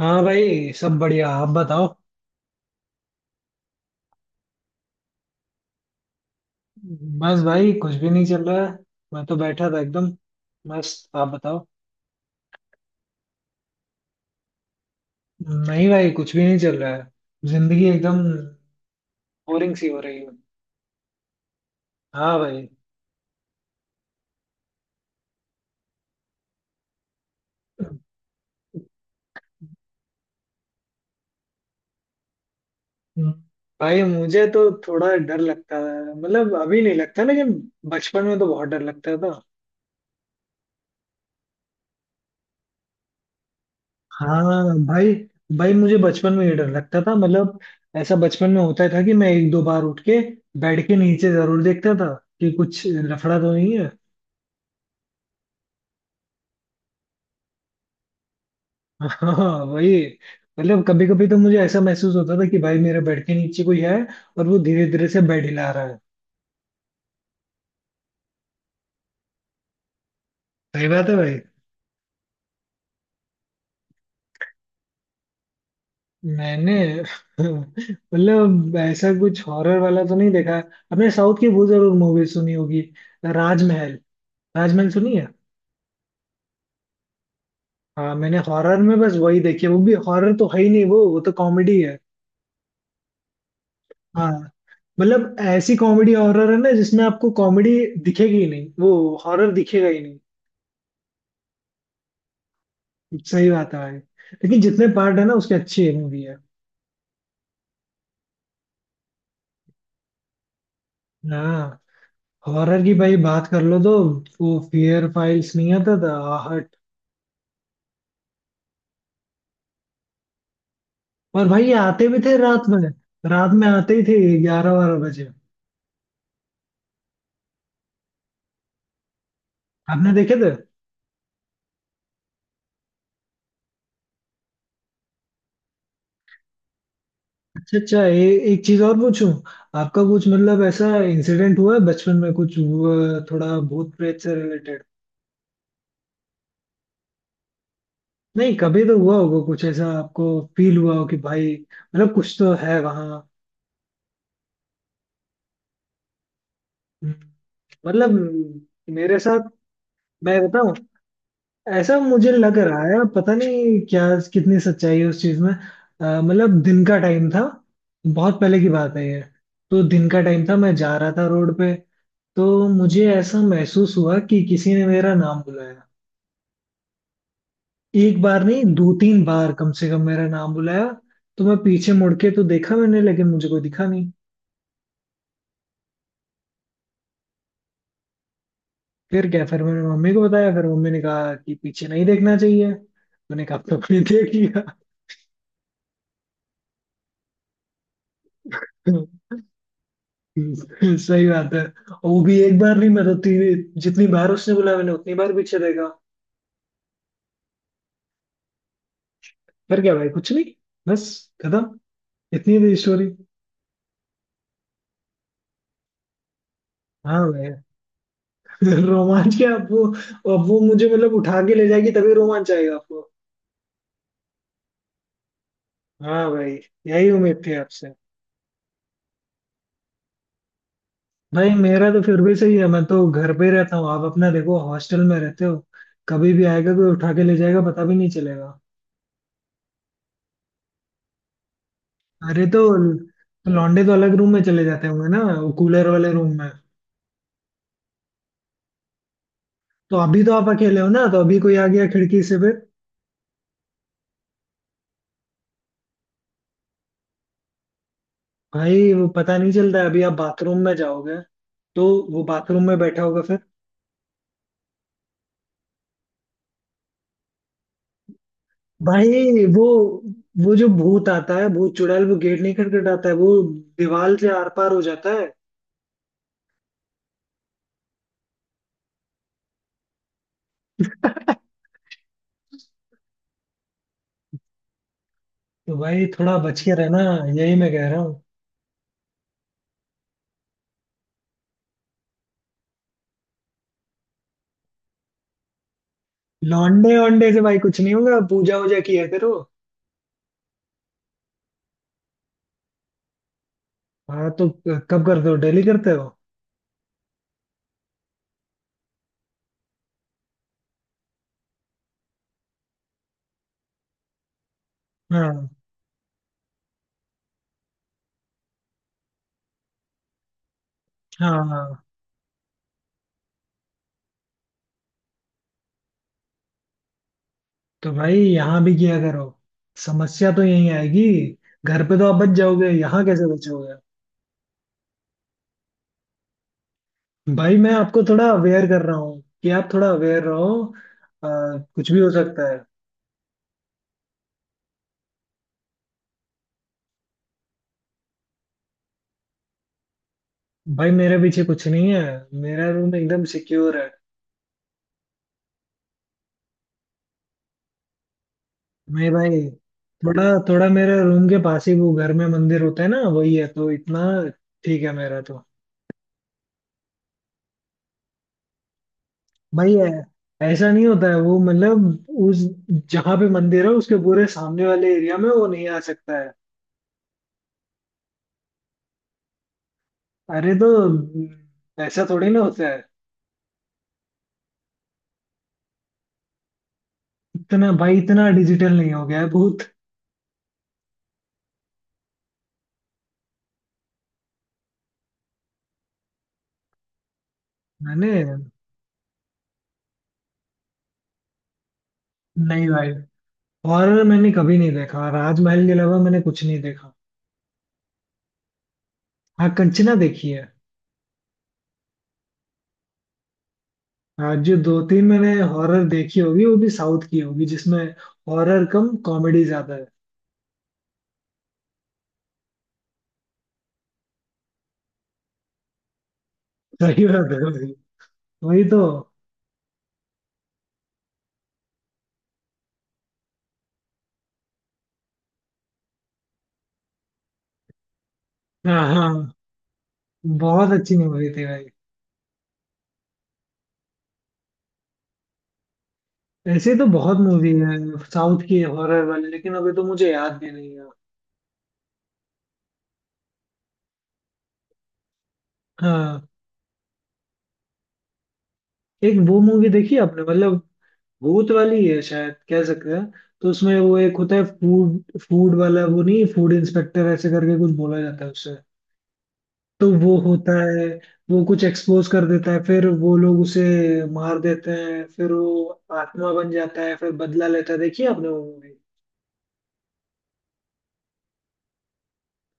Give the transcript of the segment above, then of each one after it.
हाँ भाई सब बढ़िया। आप बताओ। बस भाई कुछ भी नहीं चल रहा है। मैं तो बैठा था एकदम मस्त। आप बताओ। नहीं भाई कुछ भी नहीं चल रहा है। जिंदगी एकदम बोरिंग सी हो रही है। हाँ भाई। हम्म। भाई मुझे तो थोड़ा डर लगता है, मतलब अभी नहीं लगता लेकिन बचपन में तो बहुत डर लगता था। हाँ भाई। भाई मुझे बचपन में ये डर लगता था, मतलब ऐसा बचपन में होता था कि मैं एक दो बार उठ के बेड के नीचे जरूर देखता था कि कुछ लफड़ा तो नहीं है। हाँ वही। मतलब कभी कभी तो मुझे ऐसा महसूस होता था कि भाई मेरे बेड के नीचे कोई है और वो धीरे धीरे से बेड हिला रहा है। सही बात है भाई। मैंने मतलब ऐसा कुछ हॉरर वाला तो नहीं देखा। आपने साउथ की वो जरूर मूवी सुनी होगी, राजमहल। राजमहल सुनी है। हाँ मैंने हॉरर में बस वही देखी है, वो भी हॉरर तो है ही नहीं, वो तो कॉमेडी है। हाँ मतलब ऐसी कॉमेडी हॉरर है ना जिसमें आपको कॉमेडी दिखेगी ही नहीं, वो हॉरर दिखेगा ही नहीं। सही बात है भाई। लेकिन जितने पार्ट है ना उसके अच्छी मूवी है। हाँ। हॉरर की भाई बात कर लो तो वो फियर फाइल्स नहीं आता था, आहट? और भाई ये आते भी थे रात में। रात में आते ही थे, ग्यारह बारह बजे। आपने देखे थे? अच्छा अच्छा। एक चीज और पूछूं। आपका कुछ मतलब ऐसा इंसिडेंट हुआ है बचपन में कुछ हुआ, थोड़ा भूत प्रेत से रिलेटेड? नहीं कभी तो हुआ होगा कुछ ऐसा आपको फील हुआ हो कि भाई मतलब कुछ तो है वहाँ। हम्म, मतलब मेरे साथ। मैं बताऊं। ऐसा मुझे लग रहा है, पता नहीं क्या कितनी सच्चाई है उस चीज में। मतलब दिन का टाइम था। बहुत पहले की बात है ये। तो दिन का टाइम था, मैं जा रहा था रोड पे। तो मुझे ऐसा महसूस हुआ कि किसी ने मेरा नाम बुलाया। एक बार नहीं, दो तीन बार कम से कम मेरा नाम बुलाया। तो मैं पीछे मुड़ के तो देखा मैंने, लेकिन मुझे कोई दिखा नहीं। फिर क्या, फिर मैंने मम्मी को बताया, फिर मम्मी ने कहा कि पीछे नहीं देखना चाहिए, मैंने कहा तो मैंने देख लिया। सही बात है। और वो भी एक बार नहीं, मैं तो तीन जितनी बार उसने बोला मैंने उतनी बार पीछे देखा। फिर क्या भाई, कुछ नहीं। बस खत्म। इतनी थी स्टोरी। हाँ भाई। रोमांच क्या? अब वो मुझे मतलब उठा के ले जाएगी तभी रोमांच आएगा आपको। हाँ भाई। यही उम्मीद थी आपसे। भाई मेरा तो फिर भी सही है, मैं तो घर पे ही रहता हूँ। आप अपना देखो, हॉस्टल में रहते हो। कभी भी आएगा कोई उठा के ले जाएगा, पता भी नहीं चलेगा। अरे तो लौंडे तो अलग रूम में चले जाते होंगे ना, वो कूलर वाले रूम। तो अभी तो आप अकेले हो ना, तो अभी कोई आ गया खिड़की से फिर? भाई वो पता नहीं चलता है, अभी आप बाथरूम में जाओगे तो वो बाथरूम में बैठा होगा फिर। भाई वो जो भूत आता है, भूत चुड़ैल, वो गेट नहीं खटखटाता है, वो दीवार से आर पार हो जाता है। तो भाई थोड़ा बच के रहना। यही मैं कह रहा हूँ। लौंडे वोंडे से भाई कुछ नहीं होगा, पूजा वूजा किया करो। हाँ तो कब करते हो, डेली करते हो? हाँ हाँ। हाँ। तो भाई यहाँ भी किया करो, समस्या तो यही आएगी। घर पे तो आप बच जाओगे, यहाँ कैसे बचोगे? भाई मैं आपको थोड़ा अवेयर कर रहा हूँ कि आप थोड़ा अवेयर रहो। कुछ भी हो सकता है। भाई मेरे पीछे कुछ नहीं है, मेरा रूम एकदम सिक्योर है। मैं भाई थोड़ा, थोड़ा मेरे रूम के पास ही वो घर में मंदिर होता है ना, वही है, तो इतना ठीक है मेरा तो। भाई ऐसा नहीं होता है वो, मतलब उस जहाँ पे मंदिर है उसके पूरे सामने वाले एरिया में वो नहीं आ सकता है। अरे तो ऐसा थोड़ी ना होता है। इतना भाई इतना डिजिटल नहीं हो गया है भूत। मैंने। नहीं भाई हॉरर मैंने कभी नहीं देखा, राजमहल के अलावा मैंने कुछ नहीं देखा। हाँ कंचना देखी है। हाँ जो दो तीन मैंने हॉरर देखी होगी वो भी साउथ की होगी जिसमें हॉरर कम कॉमेडी ज्यादा है। सही बात है भाई, वही तो। हाँ हाँ बहुत अच्छी मूवी थी भाई। ऐसे तो बहुत मूवी है साउथ की हॉरर वाली, लेकिन अभी तो मुझे याद भी नहीं है। हाँ। एक वो मूवी देखी आपने, मतलब भूत वाली है शायद कह सकते हैं। तो उसमें वो एक होता है फूड फूड वाला, वो नहीं, फूड इंस्पेक्टर ऐसे करके कुछ बोला जाता है उससे। तो वो होता है, वो कुछ एक्सपोज कर देता है, फिर वो लोग उसे मार देते हैं, फिर वो आत्मा बन जाता है, फिर बदला लेता है। देखिए आपने वो मूवी?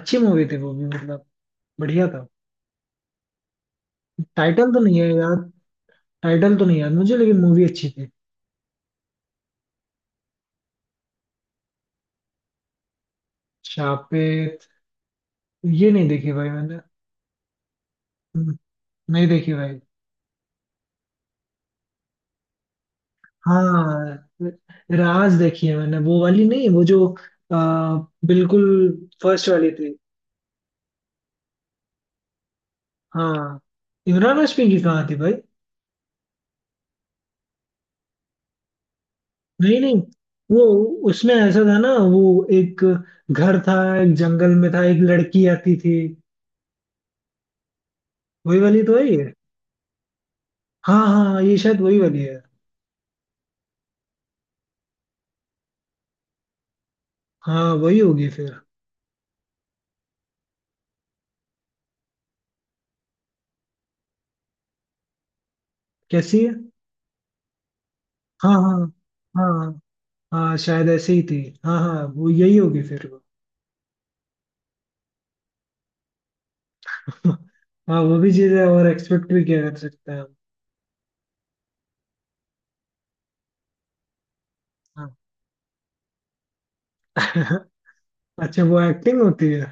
अच्छी मूवी थी वो भी, मतलब बढ़िया था। टाइटल तो नहीं है याद, टाइटल तो नहीं याद मुझे, लेकिन मूवी अच्छी थी। शापित ये नहीं देखी भाई मैंने। हम्म, नहीं देखी भाई। हाँ राज देखी है मैंने, वो वाली नहीं, वो जो अ, बिल्कुल फर्स्ट वाली थी। हाँ इमरान हाशमी की कहाँ थी भाई। नहीं नहीं, वो उसमें ऐसा था ना, वो एक घर था, एक जंगल में था, एक लड़की आती थी, वही वाली तो है ये। हाँ हाँ ये शायद वही वाली है। हाँ वही होगी फिर। कैसी है? हाँ हाँ। हाँ हाँ शायद ऐसे ही थी। हाँ हाँ वो यही होगी फिर वो। हाँ वो भी चीजें और एक्सपेक्ट भी किया कर सकते हैं हम। हाँ। अच्छा वो एक्टिंग होती है?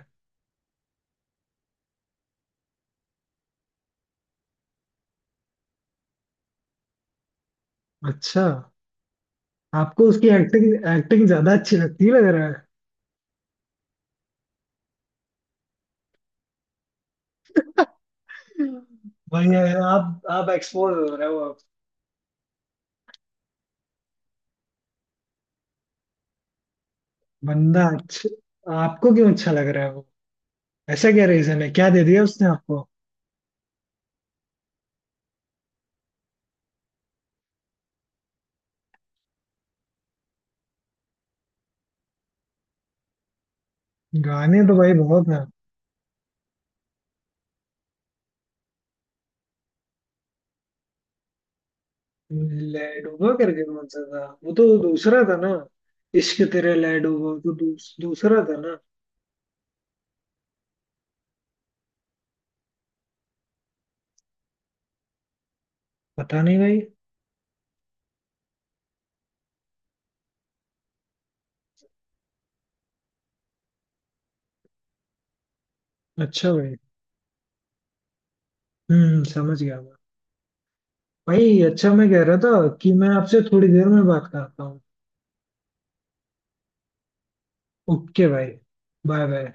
अच्छा आपको उसकी एक्टिंग एक्टिंग ज्यादा अच्छी लगती लग रहा है। भाई ये आप एक्सपोज हो रहे हो आप। बंदा अच्छा आपको क्यों अच्छा लग रहा है वो? ऐसा क्या रीजन है, क्या दे दिया उसने आपको? गाने तो भाई बहुत है। ले डूबो करके कौन सा था, वो तो दूसरा था ना? इश्क तेरे ले डूबो तो दूसरा था ना? पता नहीं भाई। अच्छा भाई। समझ गया मैं। भाई अच्छा, मैं कह रहा था कि मैं आपसे थोड़ी देर में बात करता हूँ। ओके भाई। Bye bye.